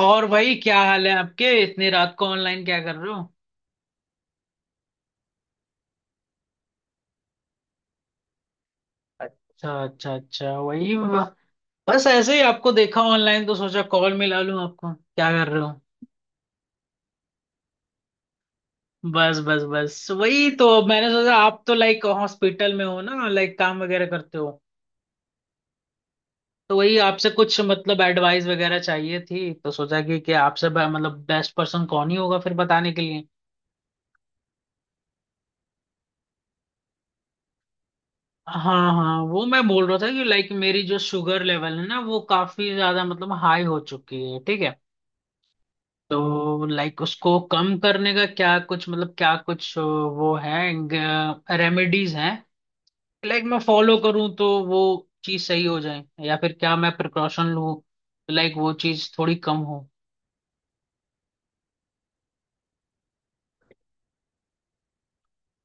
और भाई, क्या हाल है आपके? इतनी रात को ऑनलाइन क्या कर रहे हो? अच्छा, अच्छा, अच्छा। वही बस ऐसे ही आपको देखा ऑनलाइन तो सोचा कॉल मिला लूं, आपको क्या कर रहे हो। बस, बस, बस। वही तो मैंने सोचा, आप तो लाइक हॉस्पिटल में हो ना, लाइक काम वगैरह करते हो। तो वही आपसे कुछ मतलब एडवाइस वगैरह चाहिए थी, तो सोचा कि आपसे मतलब बेस्ट पर्सन कौन ही होगा फिर बताने के लिए। हाँ, हाँ, वो मैं बोल रहा था कि लाइक मेरी जो शुगर लेवल है ना, वो काफी ज्यादा मतलब हाई हो चुकी है, ठीक है। तो लाइक उसको कम करने का क्या कुछ मतलब, क्या कुछ वो है रेमेडीज हैं लाइक मैं फॉलो करूं, तो वो चीज सही हो जाए, या फिर क्या मैं प्रिकॉशन लूं, तो लाइक वो चीज थोड़ी कम हो।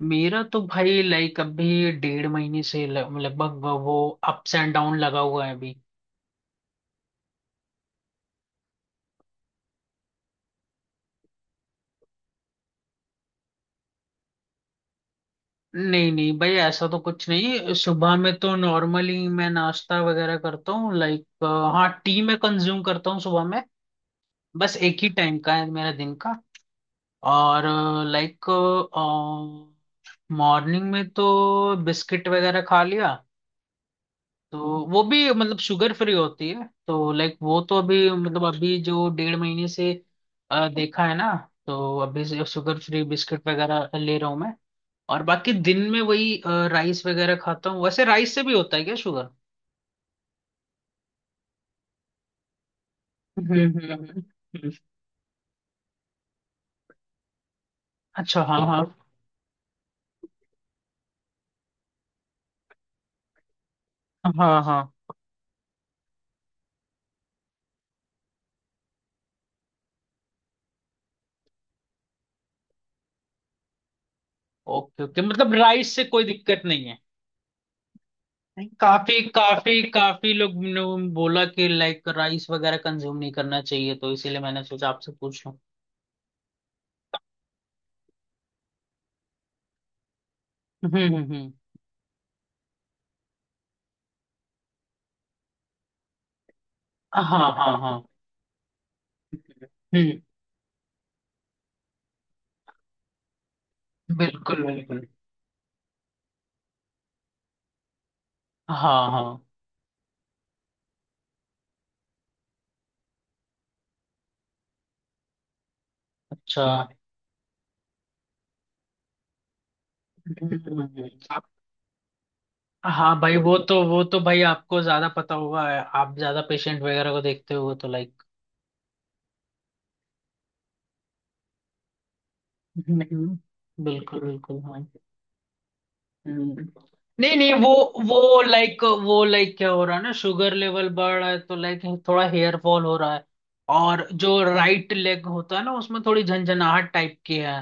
मेरा तो भाई लाइक अभी डेढ़ महीने से लगभग वो अप्स एंड डाउन लगा हुआ है अभी। नहीं, नहीं भाई, ऐसा तो कुछ नहीं। सुबह में तो नॉर्मली मैं नाश्ता वगैरह करता हूँ, लाइक हाँ टी मैं कंज्यूम करता हूँ सुबह में। बस एक ही टाइम का है मेरा, दिन का। और लाइक मॉर्निंग में तो बिस्किट वगैरह खा लिया तो वो भी मतलब शुगर फ्री होती है, तो लाइक वो तो अभी मतलब अभी जो डेढ़ महीने से देखा है ना, तो अभी से शुगर फ्री बिस्किट वगैरह ले रहा हूँ मैं। और बाकी दिन में वही राइस वगैरह खाता हूँ। वैसे राइस से भी होता है क्या शुगर? हम्म, हम्म, हम्म। अच्छा, हाँ, हाँ। हाँ, हाँ। ओके, ओके, मतलब राइस से कोई दिक्कत नहीं? नहीं, काफी, काफी, काफी लोग ने बोला कि लाइक राइस वगैरह कंज्यूम नहीं करना चाहिए, तो इसीलिए मैंने सोचा आपसे पूछ लूं। हम्म, हम्म, हम्म। हाँ, हाँ, हाँ। हम्म। बिल्कुल, बिल्कुल। हाँ, हाँ। अच्छा। आप-। हाँ भाई, वो तो भाई आपको ज्यादा पता होगा, आप ज्यादा पेशेंट वगैरह को देखते हो तो लाइक। हम्म। बिल्कुल, बिल्कुल। हाँ। हम्म। नहीं, नहीं, वो लाइक क्या हो रहा है ना, शुगर लेवल बढ़ रहा है तो लाइक थोड़ा हेयर फॉल हो रहा है, और जो राइट लेग होता है ना, उसमें थोड़ी झंझनाहट टाइप की है।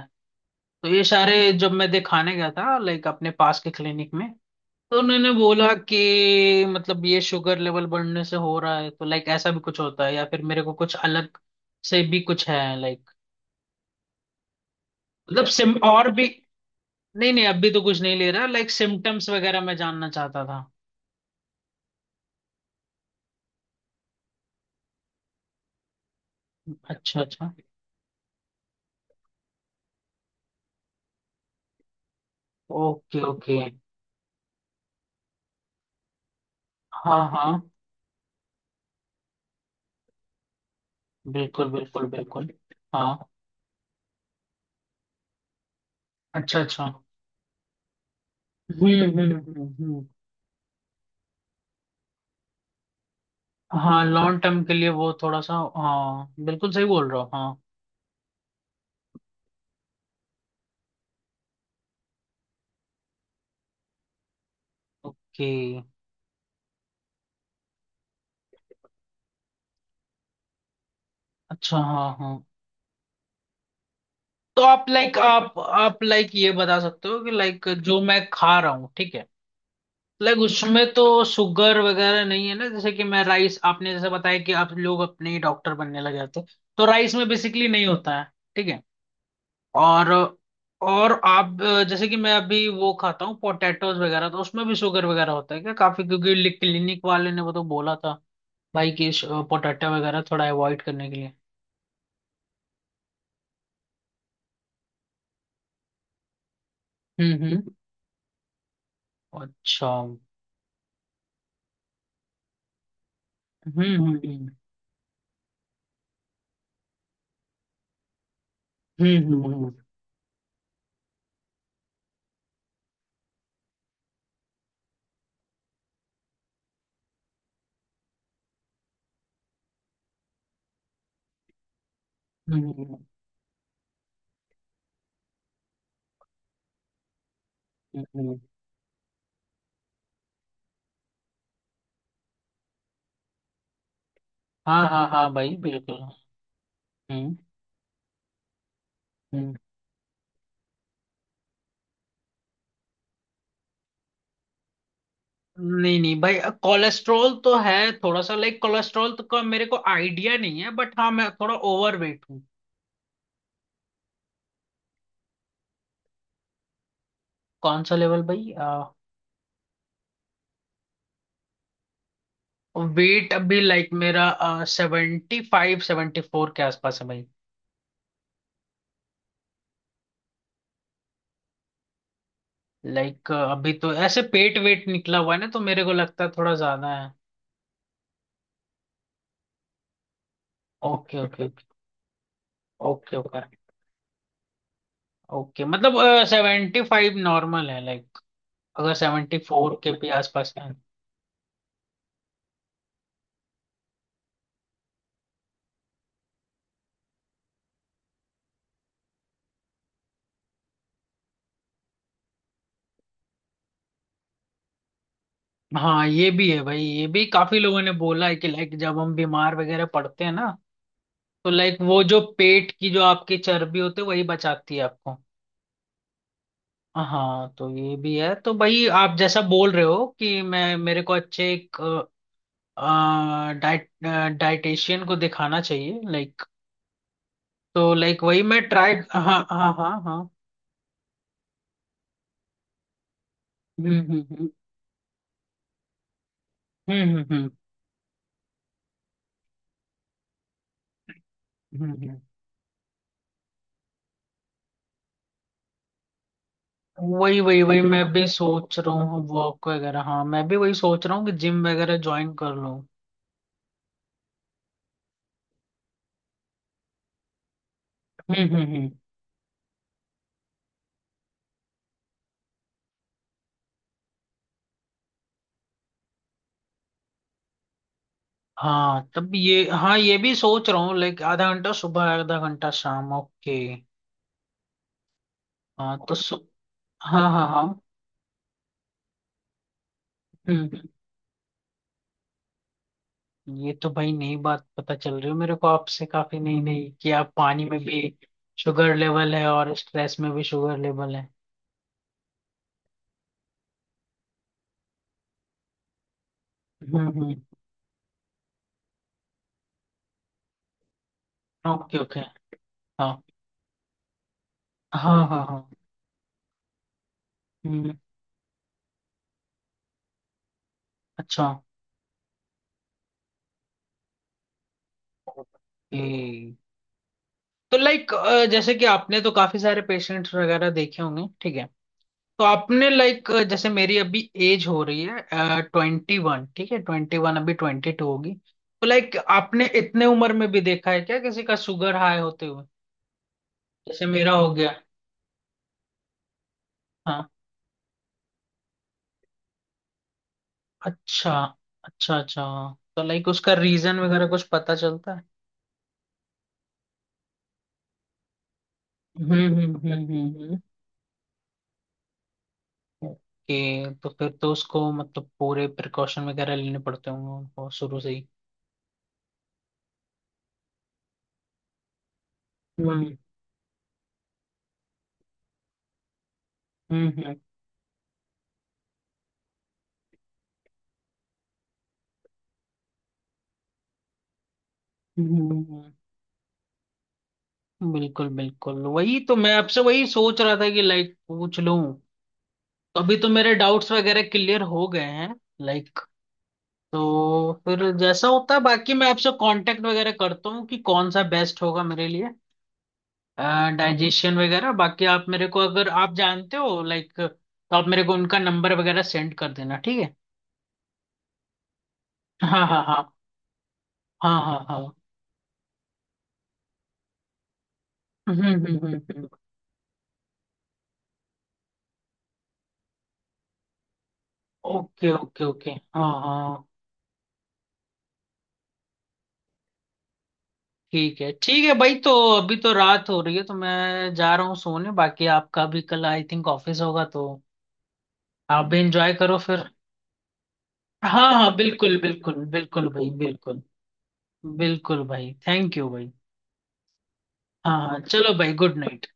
तो ये सारे जब मैं दिखाने गया था लाइक अपने पास के क्लिनिक में, तो उन्होंने बोला कि मतलब ये शुगर लेवल बढ़ने से हो रहा है, तो लाइक ऐसा भी कुछ होता है, या फिर मेरे को कुछ अलग से भी कुछ है लाइक? मतलब सिम, और भी? नहीं, नहीं, अब भी तो कुछ नहीं ले रहा, लाइक सिम्टम्स वगैरह मैं जानना चाहता था। अच्छा, अच्छा। Okay, okay. हाँ, हाँ, बिल्कुल, बिल्कुल, बिल्कुल। हाँ। अच्छा, अच्छा। हम्म, हम्म, हम्म, हाँ, लॉन्ग टर्म के लिए वो थोड़ा सा, हाँ बिल्कुल सही बोल रहे हो, हाँ। ओके। अच्छा, हाँ, हाँ। तो आप लाइक आप लाइक ये बता सकते हो कि लाइक जो मैं खा रहा हूँ, ठीक है, लाइक उसमें तो शुगर वगैरह नहीं है ना, जैसे कि मैं राइस। आपने जैसे बताया कि आप लोग अपने ही डॉक्टर बनने लगे थे, तो राइस में बेसिकली नहीं होता है, ठीक है। और और आप जैसे कि मैं अभी वो खाता हूँ पोटैटोज वगैरह, तो उसमें भी शुगर वगैरह होता है क्या काफी, क्योंकि क्लिनिक वाले ने वो तो बोला था भाई कि पोटैटो वगैरह थोड़ा अवॉइड करने के लिए। हम्म, हम्म। अच्छा, हम्म, हम्म, हम्म, हम्म, हम्म, हम्म, हम्म। हम्म, हम्म, हम्म, हम्म, हम्म। हाँ, हाँ, हाँ भाई बिल्कुल। हम्म, हम्म। नहीं, नहीं भाई, कोलेस्ट्रॉल तो है थोड़ा सा लाइक। कोलेस्ट्रॉल तो का मेरे को आइडिया नहीं है, बट हाँ मैं थोड़ा ओवर वेट हूँ। कौन सा लेवल भाई? वेट अभी लाइक मेरा 75, 74 के आसपास है भाई। लाइक अभी तो ऐसे पेट वेट निकला हुआ है ना, तो मेरे को लगता है थोड़ा ज्यादा है। Okay, okay. Okay, okay, okay, मतलब 75 नॉर्मल है लाइक, अगर 74 के भी आसपास है? हाँ, ये भी है भाई, ये भी काफी लोगों ने बोला है कि लाइक जब हम बीमार वगैरह पड़ते हैं ना, तो लाइक वो जो पेट की जो आपकी चर्बी होती है वही बचाती है आपको। हाँ, तो ये भी है। तो भाई आप जैसा बोल रहे हो कि मैं मेरे को अच्छे एक डाइट डाइटेशियन को दिखाना चाहिए लाइक, तो लाइक वही मैं ट्राई। हाँ, हाँ, हाँ, हाँ। हम्म, हम्म, हम्म, हम्म, हम्म, हम्म। वही, वही, वही मैं भी सोच रहा हूँ, वॉक वगैरह, हाँ मैं भी वही सोच रहा हूँ कि जिम वगैरह ज्वाइन कर लूँ। हम्म, हम्म, हम्म। हाँ, तब ये, हाँ ये भी सोच रहा हूँ लाइक आधा घंटा सुबह, आधा घंटा शाम, ओके। हाँ तो सु...। हाँ, हाँ, हाँ। हम्म, ये तो भाई नई बात पता चल रही हो मेरे को आपसे, काफी नई नई, कि आप पानी में भी शुगर लेवल है, और स्ट्रेस में भी शुगर लेवल है। हम्म, हम्म। Okay, okay. हाँ, हाँ, हाँ, हाँ। हम्म। अच्छा। ओके। तो लाइक जैसे कि आपने तो काफी सारे पेशेंट्स वगैरह देखे होंगे ठीक है, तो आपने लाइक जैसे मेरी अभी एज हो रही है 21, ठीक है 21, अभी 22 होगी, तो लाइक आपने इतने उम्र में भी देखा है क्या किसी का शुगर हाई होते हुए, जैसे मेरा हो गया? हाँ। अच्छा, अच्छा, अच्छा। तो लाइक उसका रीजन वगैरह कुछ पता चलता है? हम्म, हम्म, हम्म, हम्म। ओके, तो फिर तो उसको मतलब पूरे प्रिकॉशन वगैरह लेने पड़ते होंगे उनको शुरू से ही। हम्म, हम्म, हम्म, हम्म, बिल्कुल, बिल्कुल। वही तो मैं आपसे वही सोच रहा था कि लाइक पूछ लूं, तो अभी तो मेरे डाउट्स वगैरह क्लियर हो गए हैं लाइक। तो फिर जैसा होता है बाकी मैं आपसे कांटेक्ट वगैरह करता हूँ कि कौन सा बेस्ट होगा मेरे लिए, डाइजेशन वगैरह। बाकी आप मेरे को, अगर आप जानते हो लाइक, तो आप मेरे को उनका नंबर वगैरह सेंड कर देना, ठीक है? हाँ, हाँ, हाँ। हाँ, हाँ, हाँ। हम्म, हम्म, हम्म, ओके, ओके, ओके, हाँ, हाँ। ठीक है, ठीक है भाई, तो अभी तो रात हो रही है, तो मैं जा रहा हूँ सोने। बाकी आपका भी कल आई थिंक ऑफिस होगा, तो आप भी एंजॉय करो फिर। हाँ, हाँ, बिल्कुल, बिल्कुल, बिल्कुल भाई, बिल्कुल। बिल्कुल भाई, थैंक यू भाई। हाँ, हाँ, चलो भाई, गुड नाइट।